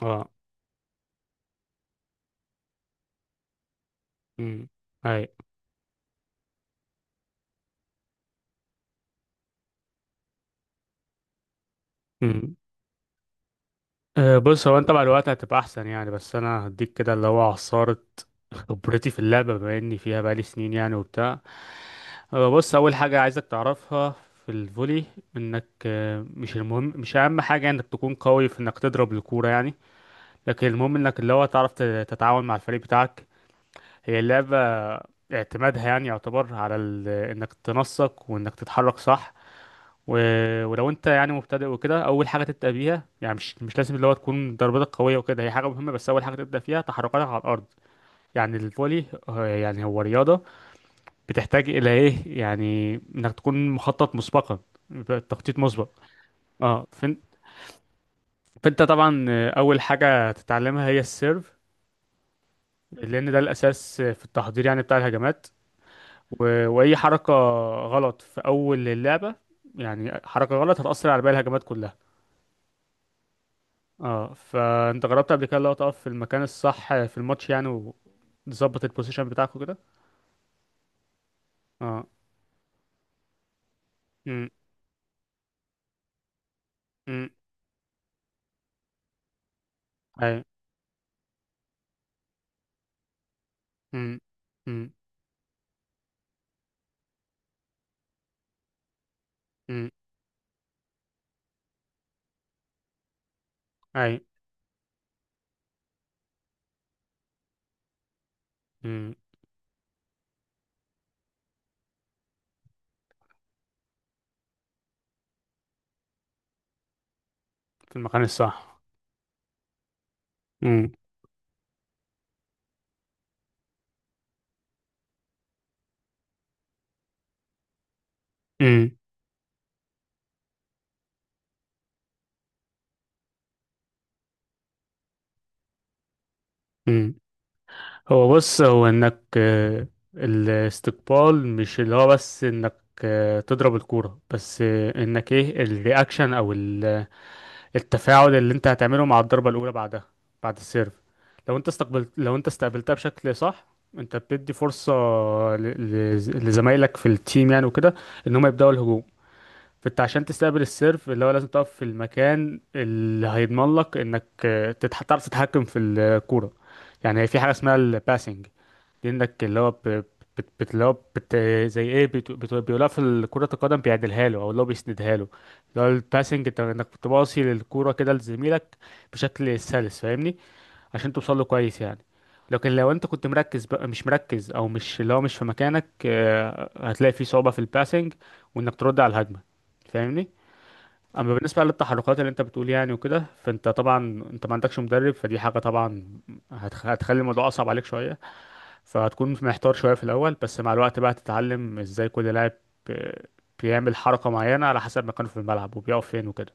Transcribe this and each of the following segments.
اه، امم، اي، امم. بص، هو انت مع الوقت هتبقى احسن يعني، بس انا هديك كده اللي هو عصارة خبرتي في اللعبة، بما اني فيها بقالي سنين يعني وبتاع. بص، اول حاجة عايزك تعرفها في الفولي، انك مش اهم حاجة انك تكون قوي في انك تضرب الكورة يعني، لكن المهم انك اللي هو تعرف تتعاون مع الفريق بتاعك. هي اللعبة اعتمادها يعني يعتبر على انك تنسق وانك تتحرك صح. و... ولو انت يعني مبتدئ وكده، اول حاجه تبدا بيها، يعني مش لازم اللي هو تكون ضربتك قويه وكده، هي حاجه مهمه، بس اول حاجه تبدا فيها تحركاتك على الارض. يعني الفولي، يعني هو رياضه بتحتاج الى ايه يعني انك تكون مخطط مسبقا، يبقى تخطيط مسبق. اه فن... فانت طبعا اول حاجه تتعلمها هي السيرف، لان ده الاساس في التحضير يعني بتاع الهجمات. واي حركه غلط في اول اللعبه، يعني حركه غلط هتاثر على باقي الهجمات كلها. اه فانت جربت قبل كده اللي هو تقف في المكان الصح في الماتش يعني، وتظبط البوزيشن بتاعك وكده؟ اه، امم، امم، اي، امم، امم، امم، اي، امم. في المكان الصح. امم، امم، امم. هو بص، هو انك الاستقبال مش اللي هو بس انك تضرب الكورة بس، انك ايه الرياكشن او التفاعل اللي انت هتعمله مع الضربة الأولى بعدها، بعد السيرف. لو انت استقبلتها بشكل صح، انت بتدي فرصة ل... ل... لزمايلك في التيم يعني وكده، ان هم يبدأوا الهجوم. فانت عشان تستقبل السيرف، اللي هو لازم تقف في المكان اللي هيضمن لك انك تعرف تتحكم في الكورة. يعني في حاجة اسمها الباسنج، كأنك اللي هو اللي هو زي ايه بت بيقولها في كرة القدم، بيعدلها له او اللي هو بيسندها له. اللي هو الباسنج، انت انك بتباصي للكرة كده لزميلك بشكل سلس، فاهمني؟ عشان توصل له كويس يعني. لكن لو انت كنت مركز بقى، مش مركز او مش اللي هو مش في مكانك، هتلاقي في صعوبة في الباسنج، وانك ترد على الهجمة، فاهمني؟ اما بالنسبة للتحركات اللي انت بتقول يعني وكده، فانت طبعا انت ما عندكش مدرب، فدي حاجة طبعا هتخلي الموضوع اصعب عليك شوية، فهتكون محتار شوية في الأول، بس مع الوقت بقى تتعلم ازاي كل لاعب آه، بيعمل حركة معينة على حسب مكانه في الملعب وبيقف فين وكده.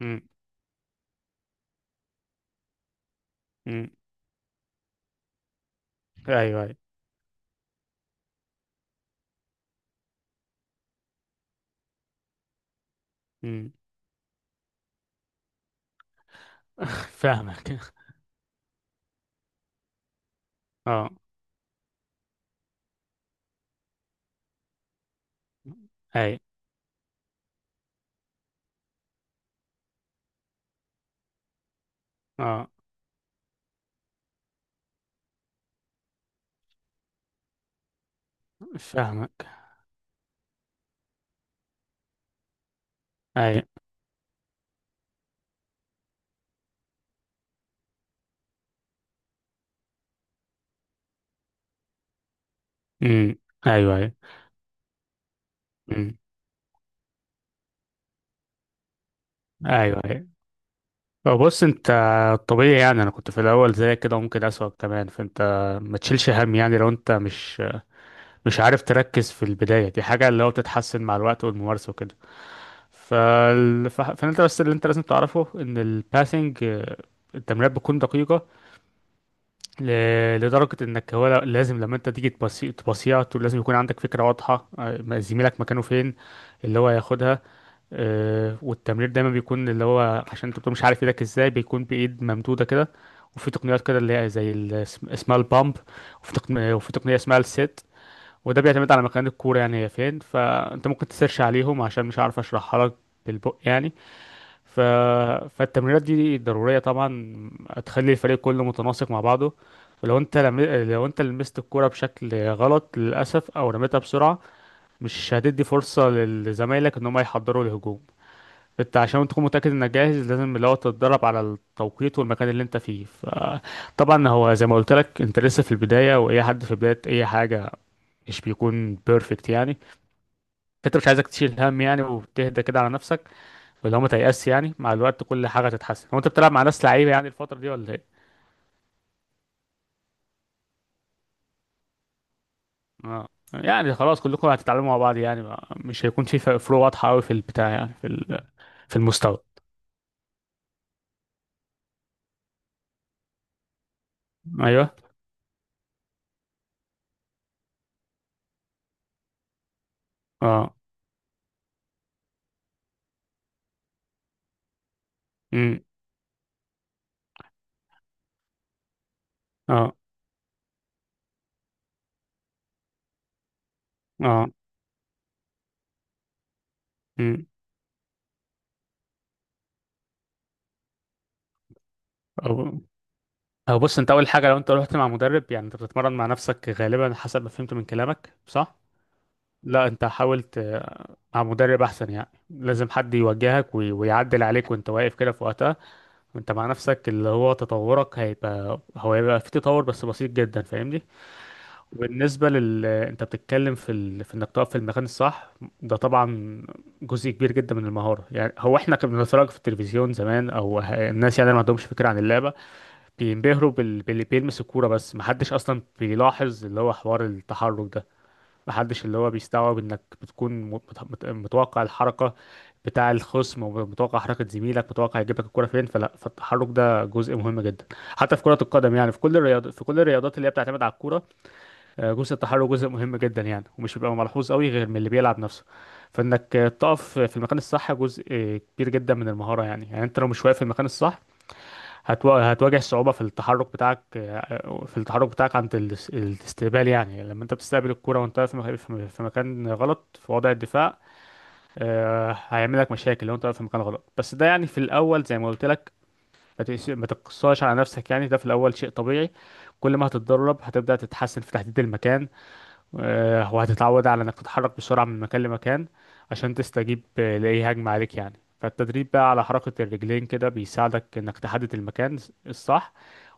امم، امم، ايوه، ايوه، امم، فاهمك، اه، اي، اه، فاهمك، اي، امم، ايوه، ايوه، امم، ايوه، ايوه. بص انت، طبيعي يعني، انا كنت في الاول زي كده، ممكن اسوأ كمان، فانت ما تشيلش هم يعني. لو انت مش عارف تركز في البداية، دي حاجة اللي هو بتتحسن مع الوقت والممارسة وكده. فانت بس اللي انت لازم تعرفه ان الباسنج، التمريرات بتكون دقيقة ل... لدرجة انك هو لازم لما انت تيجي تبصيها، لازم يكون عندك فكرة واضحة، زميلك مكانه فين، اللي هو هياخدها. والتمرير دايما بيكون اللي هو عشان انت بتكون مش عارف ايدك ازاي، بيكون بإيد ممدودة كده. وفي تقنيات كده اللي هي زي اسمها البامب، وفي تقنية اسمها السيت. وده بيعتمد على مكان الكورة يعني هي فين، فانت ممكن تسيرش عليهم عشان مش عارف اشرحها لك بالبق يعني. ف... فالتمرينات دي ضرورية طبعا، هتخلي الفريق كله متناسق مع بعضه. ولو انت لم... لو انت لمست الكرة بشكل غلط للأسف، أو رميتها بسرعة، مش هتدي فرصة لزمايلك إن هم يحضروا الهجوم. انت عشان تكون متأكد انك جاهز، لازم اللي هو تتدرب على التوقيت والمكان اللي انت فيه. فطبعا هو زي ما قلت لك، انت لسه في البداية، وأي حد في بداية أي حاجة مش بيكون بيرفكت يعني، فانت مش عايزك تشيل هم يعني، وتهدى كده على نفسك، واللي هو ما تيأس يعني، مع الوقت كل حاجه هتتحسن. هو انت بتلعب مع ناس لعيبه يعني الفتره دي ولا ايه؟ اه، يعني خلاص كلكم هتتعلموا مع بعض يعني، مش هيكون في فروق واضحه قوي في البتاع يعني، في المستوى. ايوه، اه، امم، اه، اه، امم. أو أو بص، انت اول حاجه، لو انت رحت مع مدرب، يعني انت بتتمرن مع نفسك غالبا حسب ما فهمت من كلامك، صح؟ لا، انت حاولت، مع مدرب احسن يعني، لازم حد يوجهك ويعدل عليك وانت واقف كده في وقتها. انت مع نفسك اللي هو تطورك هيبقى، هو هيبقى في تطور بس بسيط جدا، فاهمني؟ وبالنسبه لل انت بتتكلم في في انك تقف في المكان الصح، ده طبعا جزء كبير جدا من المهاره يعني. هو احنا كنا بنتفرج في التلفزيون زمان، او الناس يعني ما عندهمش فكره عن اللعبه، بينبهروا باللي بيلمس الكوره بس، ما حدش اصلا بيلاحظ اللي هو حوار التحرك ده، محدش اللي هو بيستوعب انك بتكون متوقع الحركة بتاع الخصم، ومتوقع حركة زميلك، متوقع يجيب لك الكرة فين. فلا، فالتحرك ده جزء مهم جدا، حتى في كرة القدم يعني، في كل الرياض في كل الرياضات اللي هي بتعتمد على الكرة. جزء التحرك جزء مهم جدا يعني، ومش بيبقى ملحوظ قوي غير من اللي بيلعب نفسه. فانك تقف في المكان الصح، جزء كبير جدا من المهارة يعني. يعني انت لو مش واقف في المكان الصح، هتواجه صعوبة في التحرك بتاعك عند الاستقبال يعني. لما انت بتستقبل الكرة وانت في في مكان غلط، في وضع الدفاع، هيعمل لك مشاكل لو انت في مكان غلط. بس ده يعني في الأول، زي ما قلت لك، ما تقصاش على نفسك يعني، ده في الأول شيء طبيعي. كل ما هتتدرب هتبدأ تتحسن في تحديد المكان، وهتتعود على انك تتحرك بسرعة من مكان لمكان عشان تستجيب لأي هجمة عليك يعني. فالتدريب بقى على حركة الرجلين كده، بيساعدك انك تحدد المكان الصح،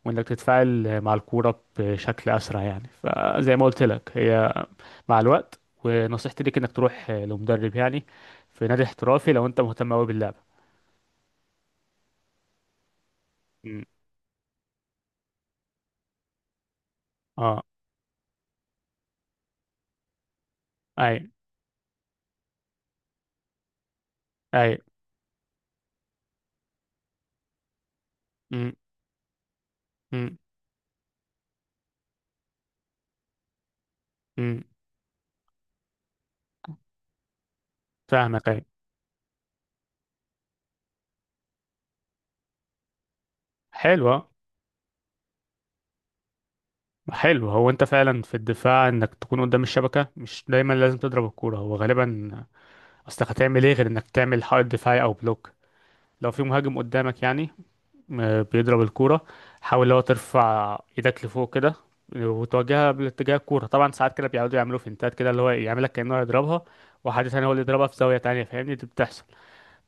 وانك تتفاعل مع الكورة بشكل أسرع يعني. فزي ما قلت لك، هي مع الوقت، ونصيحتي ليك انك تروح لمدرب يعني، في نادي احترافي لو انت مهتم قوي باللعبة. مم، اه، اي، اي، مم، مم، مم، فاهمك، اي. حلوة حلو، هو انت فعلا في الدفاع انك تكون قدام الشبكة، مش دايما لازم تضرب الكورة. هو غالبا اصلك هتعمل ايه غير انك تعمل حائط دفاعي او بلوك، لو في مهاجم قدامك يعني بيضرب الكورة. حاول لو ترفع ايدك لفوق كده، وتواجهها باتجاه الكورة. طبعا ساعات كده بيقعدوا يعملوا فينتات كده، اللي هو يعملك كأنه هيضربها، وحد تاني هو اللي يضربها في زاوية تانية، فاهمني؟ دي بتحصل.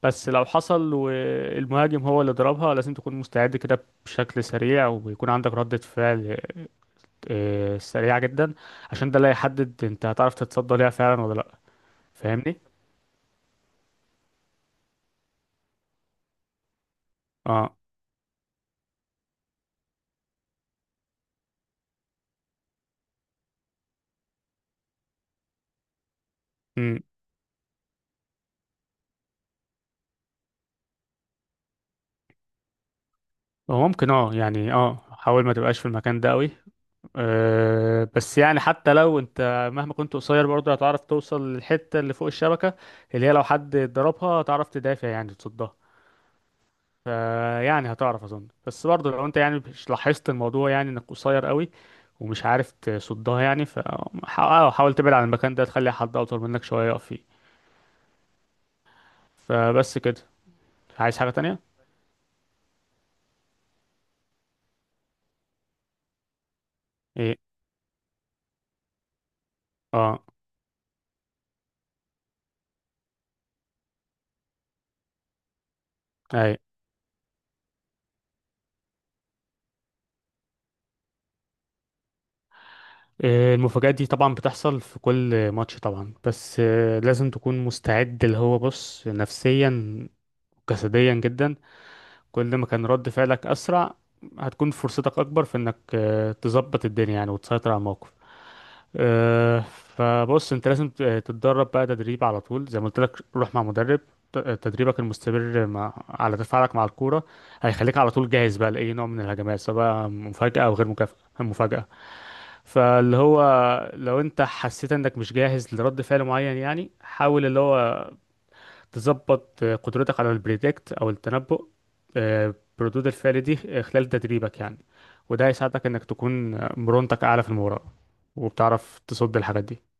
بس لو حصل والمهاجم هو اللي ضربها، لازم تكون مستعد كده بشكل سريع، ويكون عندك ردة فعل سريعة جدا، عشان ده اللي هيحدد انت هتعرف تتصدى ليها فعلا ولا لأ، فاهمني؟ اه، امم. هو ممكن، اه يعني، اه حاول ما تبقاش في المكان ده قوي. أه، بس يعني حتى لو انت مهما كنت قصير، برضه هتعرف توصل للحتة اللي فوق الشبكة اللي هي لو حد ضربها هتعرف تدافع يعني تصدها. فيعني هتعرف اظن، بس برضه لو انت يعني مش لاحظت الموضوع يعني انك قصير قوي ومش عارف تصدها يعني، فحاول تبعد عن المكان ده، تخلي حد اطول منك شوية يقف فيه. فبس كده، عايز حاجة تانية؟ ايه، اه، اي. إيه المفاجآت دي طبعا بتحصل في كل ماتش طبعا، بس لازم تكون مستعد اللي هو، بص نفسيا وجسديا جدا. كل ما كان رد فعلك أسرع، هتكون فرصتك أكبر في إنك تظبط الدنيا يعني، وتسيطر على الموقف. آه، فبص، أنت لازم تتدرب بقى تدريب على طول، زي ما قلت لك روح مع مدرب. تدريبك المستمر مع على تفاعلك مع الكورة هيخليك على طول جاهز بقى لأي نوع من الهجمات، سواء مفاجأة أو غير مكافأة، مفاجأة. فاللي هو لو انت حسيت انك مش جاهز لرد فعل معين يعني، حاول اللي هو تظبط قدرتك على البريدكت او التنبؤ بردود الفعل دي، خلال تدريبك يعني، وده هيساعدك انك تكون مرونتك اعلى في المباراة، وبتعرف تصد الحاجات دي.